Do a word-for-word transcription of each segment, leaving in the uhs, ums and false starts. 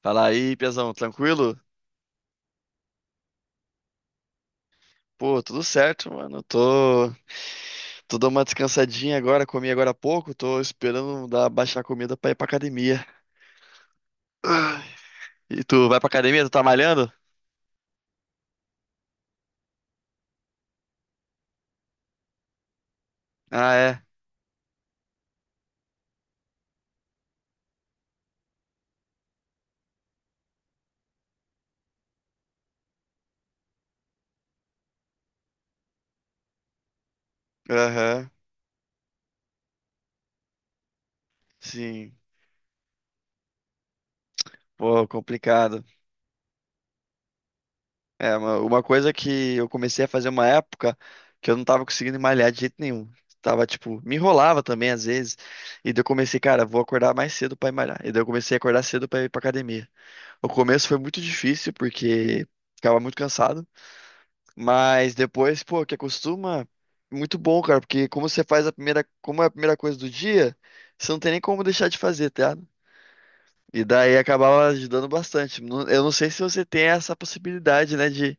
Fala aí, Piazão, tranquilo? Pô, tudo certo, mano. Tô, tô dando uma descansadinha agora, comi agora há pouco, tô esperando dar, baixar a comida pra ir pra academia. E tu vai pra academia? Tu tá malhando? Ah, é? Aham, sim. Pô, complicado. É, uma, uma coisa que eu comecei a fazer uma época que eu não tava conseguindo malhar de jeito nenhum. Tava, tipo, me enrolava também às vezes. E daí eu comecei, cara, vou acordar mais cedo pra ir malhar. E daí eu comecei a acordar cedo pra ir pra academia. O começo foi muito difícil porque ficava muito cansado, mas depois, pô, que acostuma, muito bom, cara, porque como você faz a primeira, como é a primeira coisa do dia, você não tem nem como deixar de fazer, tá ligado? E daí acabava ajudando bastante. Não- Eu não sei se você tem essa possibilidade, né, de,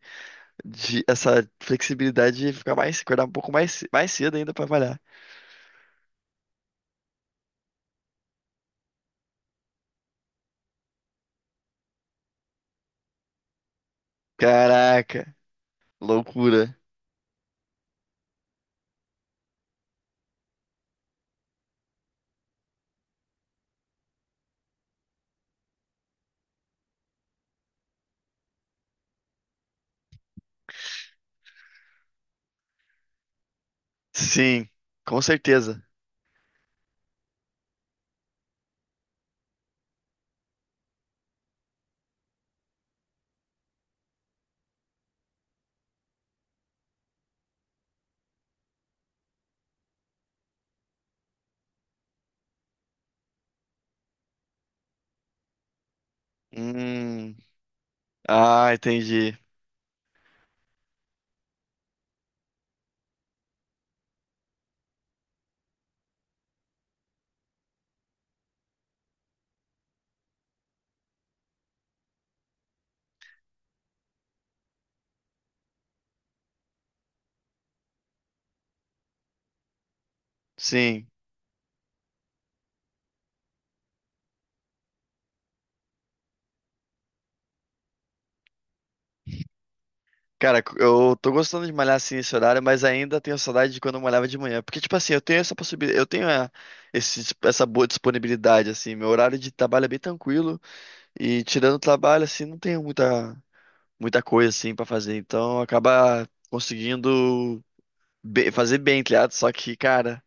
de essa flexibilidade de ficar mais, acordar um pouco mais, mais cedo ainda pra trabalhar. Caraca, loucura. Sim, com certeza. Hum, ah, entendi. Sim. Cara, eu tô gostando de malhar assim nesse horário, mas ainda tenho saudade de quando eu malhava de manhã. Porque, tipo assim, eu tenho essa possibilidade, eu tenho eh, esse- essa boa disponibilidade, assim. Meu horário de trabalho é bem tranquilo e, tirando o trabalho, assim, não tenho muita, muita coisa, assim, pra fazer. Então, acaba conseguindo be- fazer bem, tá ligado? Só que, cara,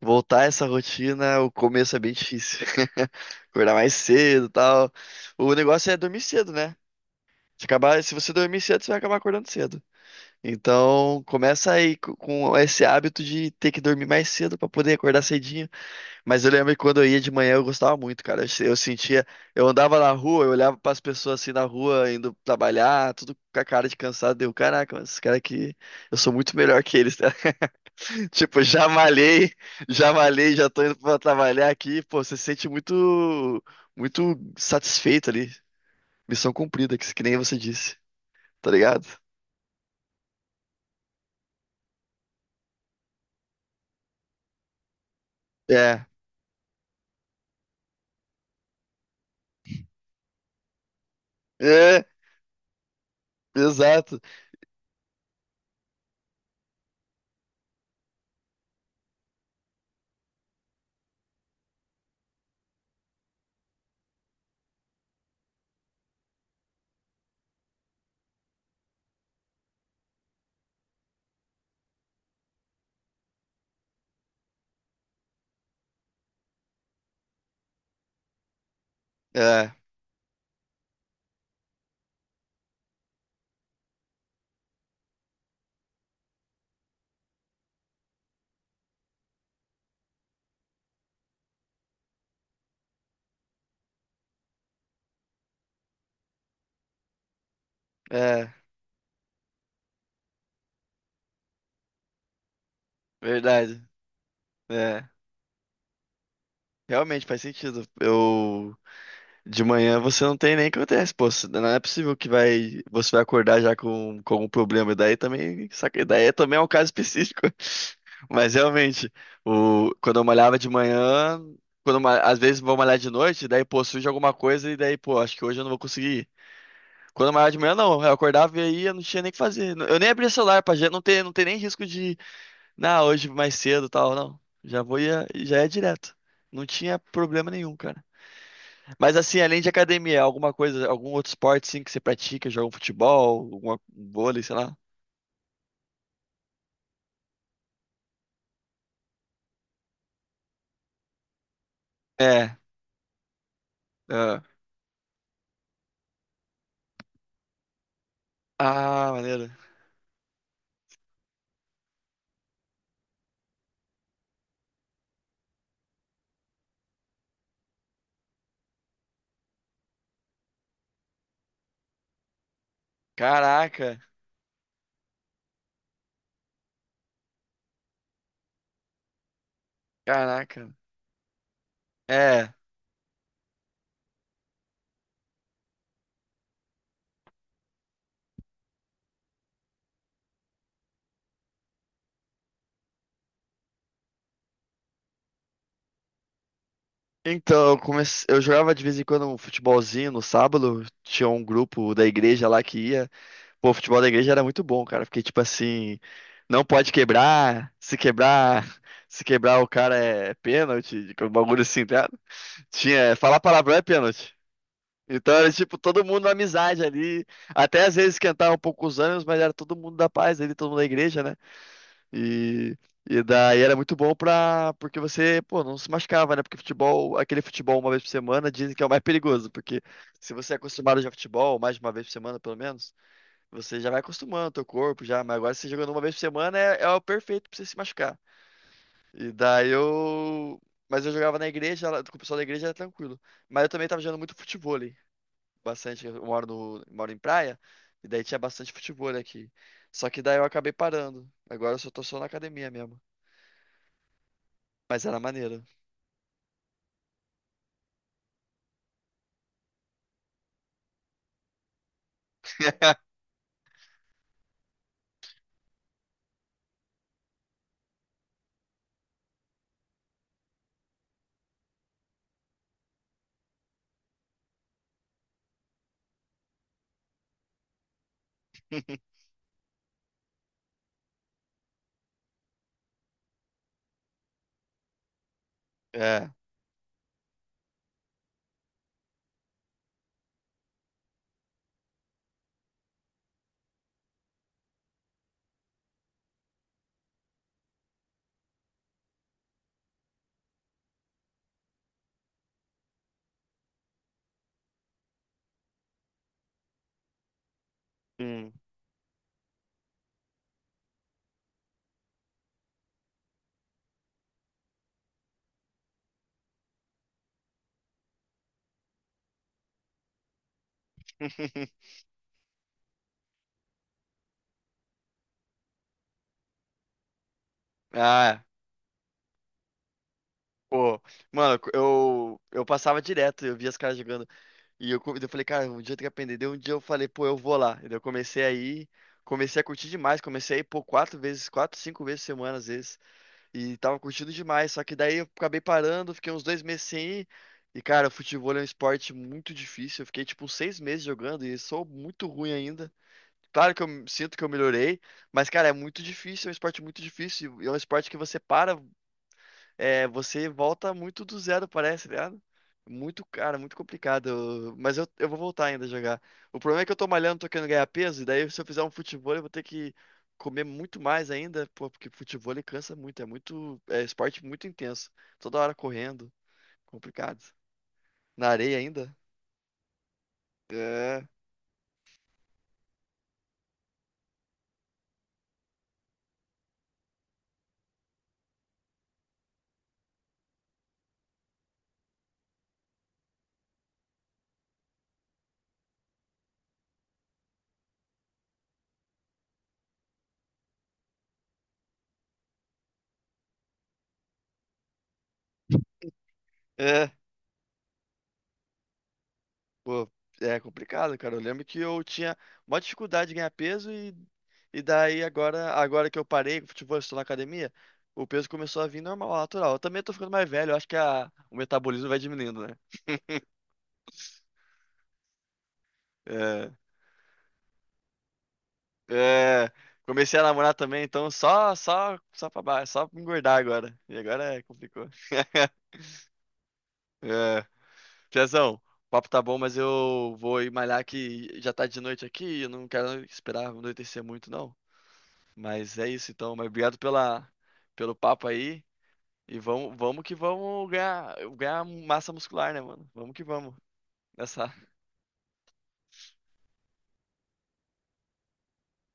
voltar a essa rotina, o começo é bem difícil. Acordar mais cedo e tal. O negócio é dormir cedo, né? Se acabar, se você dormir cedo, você vai acabar acordando cedo. Então, começa aí co- com esse hábito de ter que dormir mais cedo pra poder acordar cedinho. Mas eu lembro que quando eu ia de manhã eu gostava muito, cara. Eu, se- eu sentia, eu andava na rua, eu olhava pras pessoas assim na rua indo trabalhar, tudo com a cara de cansado. Deu, caraca, mas esses caras aqui, eu sou muito melhor que eles, tá? Tipo, já malhei, já malhei, já tô indo pra trabalhar aqui. Pô, você se sente muito, muito satisfeito ali. Missão cumprida, que que nem você disse, tá ligado? É, é, exato. É, é, verdade. É, realmente faz sentido. Eu de manhã você não tem nem o que acontece, pô. Você- Não é possível que vai você vai acordar já com com algum problema. Daí também, saca, daí é- também é um caso específico. Mas realmente, o quando eu malhava de manhã, quando eu ma- às vezes vou malhar de noite, daí pô, surge alguma coisa e daí pô, acho que hoje eu não vou conseguir ir. Quando eu malhava de manhã, não, eu acordava e aí eu não tinha nem o que fazer. Eu nem abria celular pra gente, não ter, não ter nem risco. Não, hoje mais cedo e tal, não. Já vou ia, já é direto. Não tinha problema nenhum, cara. Mas assim, além de academia, alguma coisa, algum outro esporte sim que você pratica, joga um futebol, alguma, um vôlei, sei lá. É, é. Ah, maneiro. Caraca, caraca. É. Então, eu comecei, eu jogava de vez em quando um futebolzinho no sábado, tinha um grupo da igreja lá que ia. Pô, o futebol da igreja era muito bom, cara, porque, tipo assim, não pode quebrar, se quebrar, se quebrar o cara é pênalti, tipo, um bagulho assim, tá? Tinha, falar palavrão é pênalti. Então era, tipo, todo mundo na amizade ali, até às vezes esquentava um pouco os ânimos, mas era todo mundo da paz ali, todo mundo da igreja, né? E, e daí era muito bom pra, porque você, pô, não se machucava, né? Porque futebol, aquele futebol uma vez por semana, dizem que é o mais perigoso, porque se você é acostumado a jogar futebol mais de uma vez por semana, pelo menos, você já vai acostumando o teu corpo já, mas agora você jogando uma vez por semana é, é o perfeito pra você se machucar. E daí eu. Mas eu jogava na igreja, lá- com o pessoal da igreja era tranquilo. Mas eu também tava jogando muito futevôlei. Bastante. Eu moro, no, moro em praia, e daí tinha bastante futevôlei aqui. Só que daí eu acabei parando. Agora eu só tô só na academia mesmo. Mas era maneiro. É. Hum. Ah, é. Pô. Mano, eu, eu passava direto, eu via as caras jogando. E eu, co- eu falei, cara, um dia tem que aprender. Daí um dia eu falei, pô, eu vou lá. E daí eu comecei a ir, comecei a curtir demais. Comecei a ir, pô, quatro vezes, quatro, cinco vezes por semana, às vezes. E tava curtindo demais. Só que daí eu acabei parando, fiquei uns dois meses sem ir. E, cara, futebol é um esporte muito difícil. Eu fiquei, tipo, uns seis meses jogando e sou muito ruim ainda. Claro que eu me- sinto que eu melhorei, mas, cara, é muito difícil, é um esporte muito difícil. E é um esporte que você para é, você volta muito do zero, parece, tá ligado? Muito, cara, muito complicado. Eu- Mas eu, eu vou voltar ainda a jogar. O problema é que eu tô malhando, tô querendo ganhar peso, e daí se eu fizer um futebol, eu vou ter que comer muito mais ainda, pô, porque futebol ele cansa muito, é muito, é esporte muito intenso. Toda hora correndo, complicado. Na areia ainda? É. é. Pô, é complicado, cara. Eu lembro que eu tinha maior dificuldade de ganhar peso e, e daí agora, agora que eu parei com futebol, estou na academia, o peso começou a vir normal, natural. Eu também tô ficando mais velho, eu acho que a, o metabolismo vai diminuindo, né? É, é, comecei a namorar também, então só, só, só pra baixo, só pra engordar agora. E agora é, complicou. É, Piazão, o papo tá bom, mas eu vou ir malhar que já tá de noite aqui, eu não quero esperar anoitecer muito, não. Mas é isso então, mas obrigado pela, pelo papo aí. E vamos, vamos que vamos ganhar, ganhar massa muscular, né, mano? Vamos que vamos. Nessa.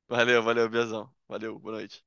Valeu, valeu, Biazão. Valeu, boa noite.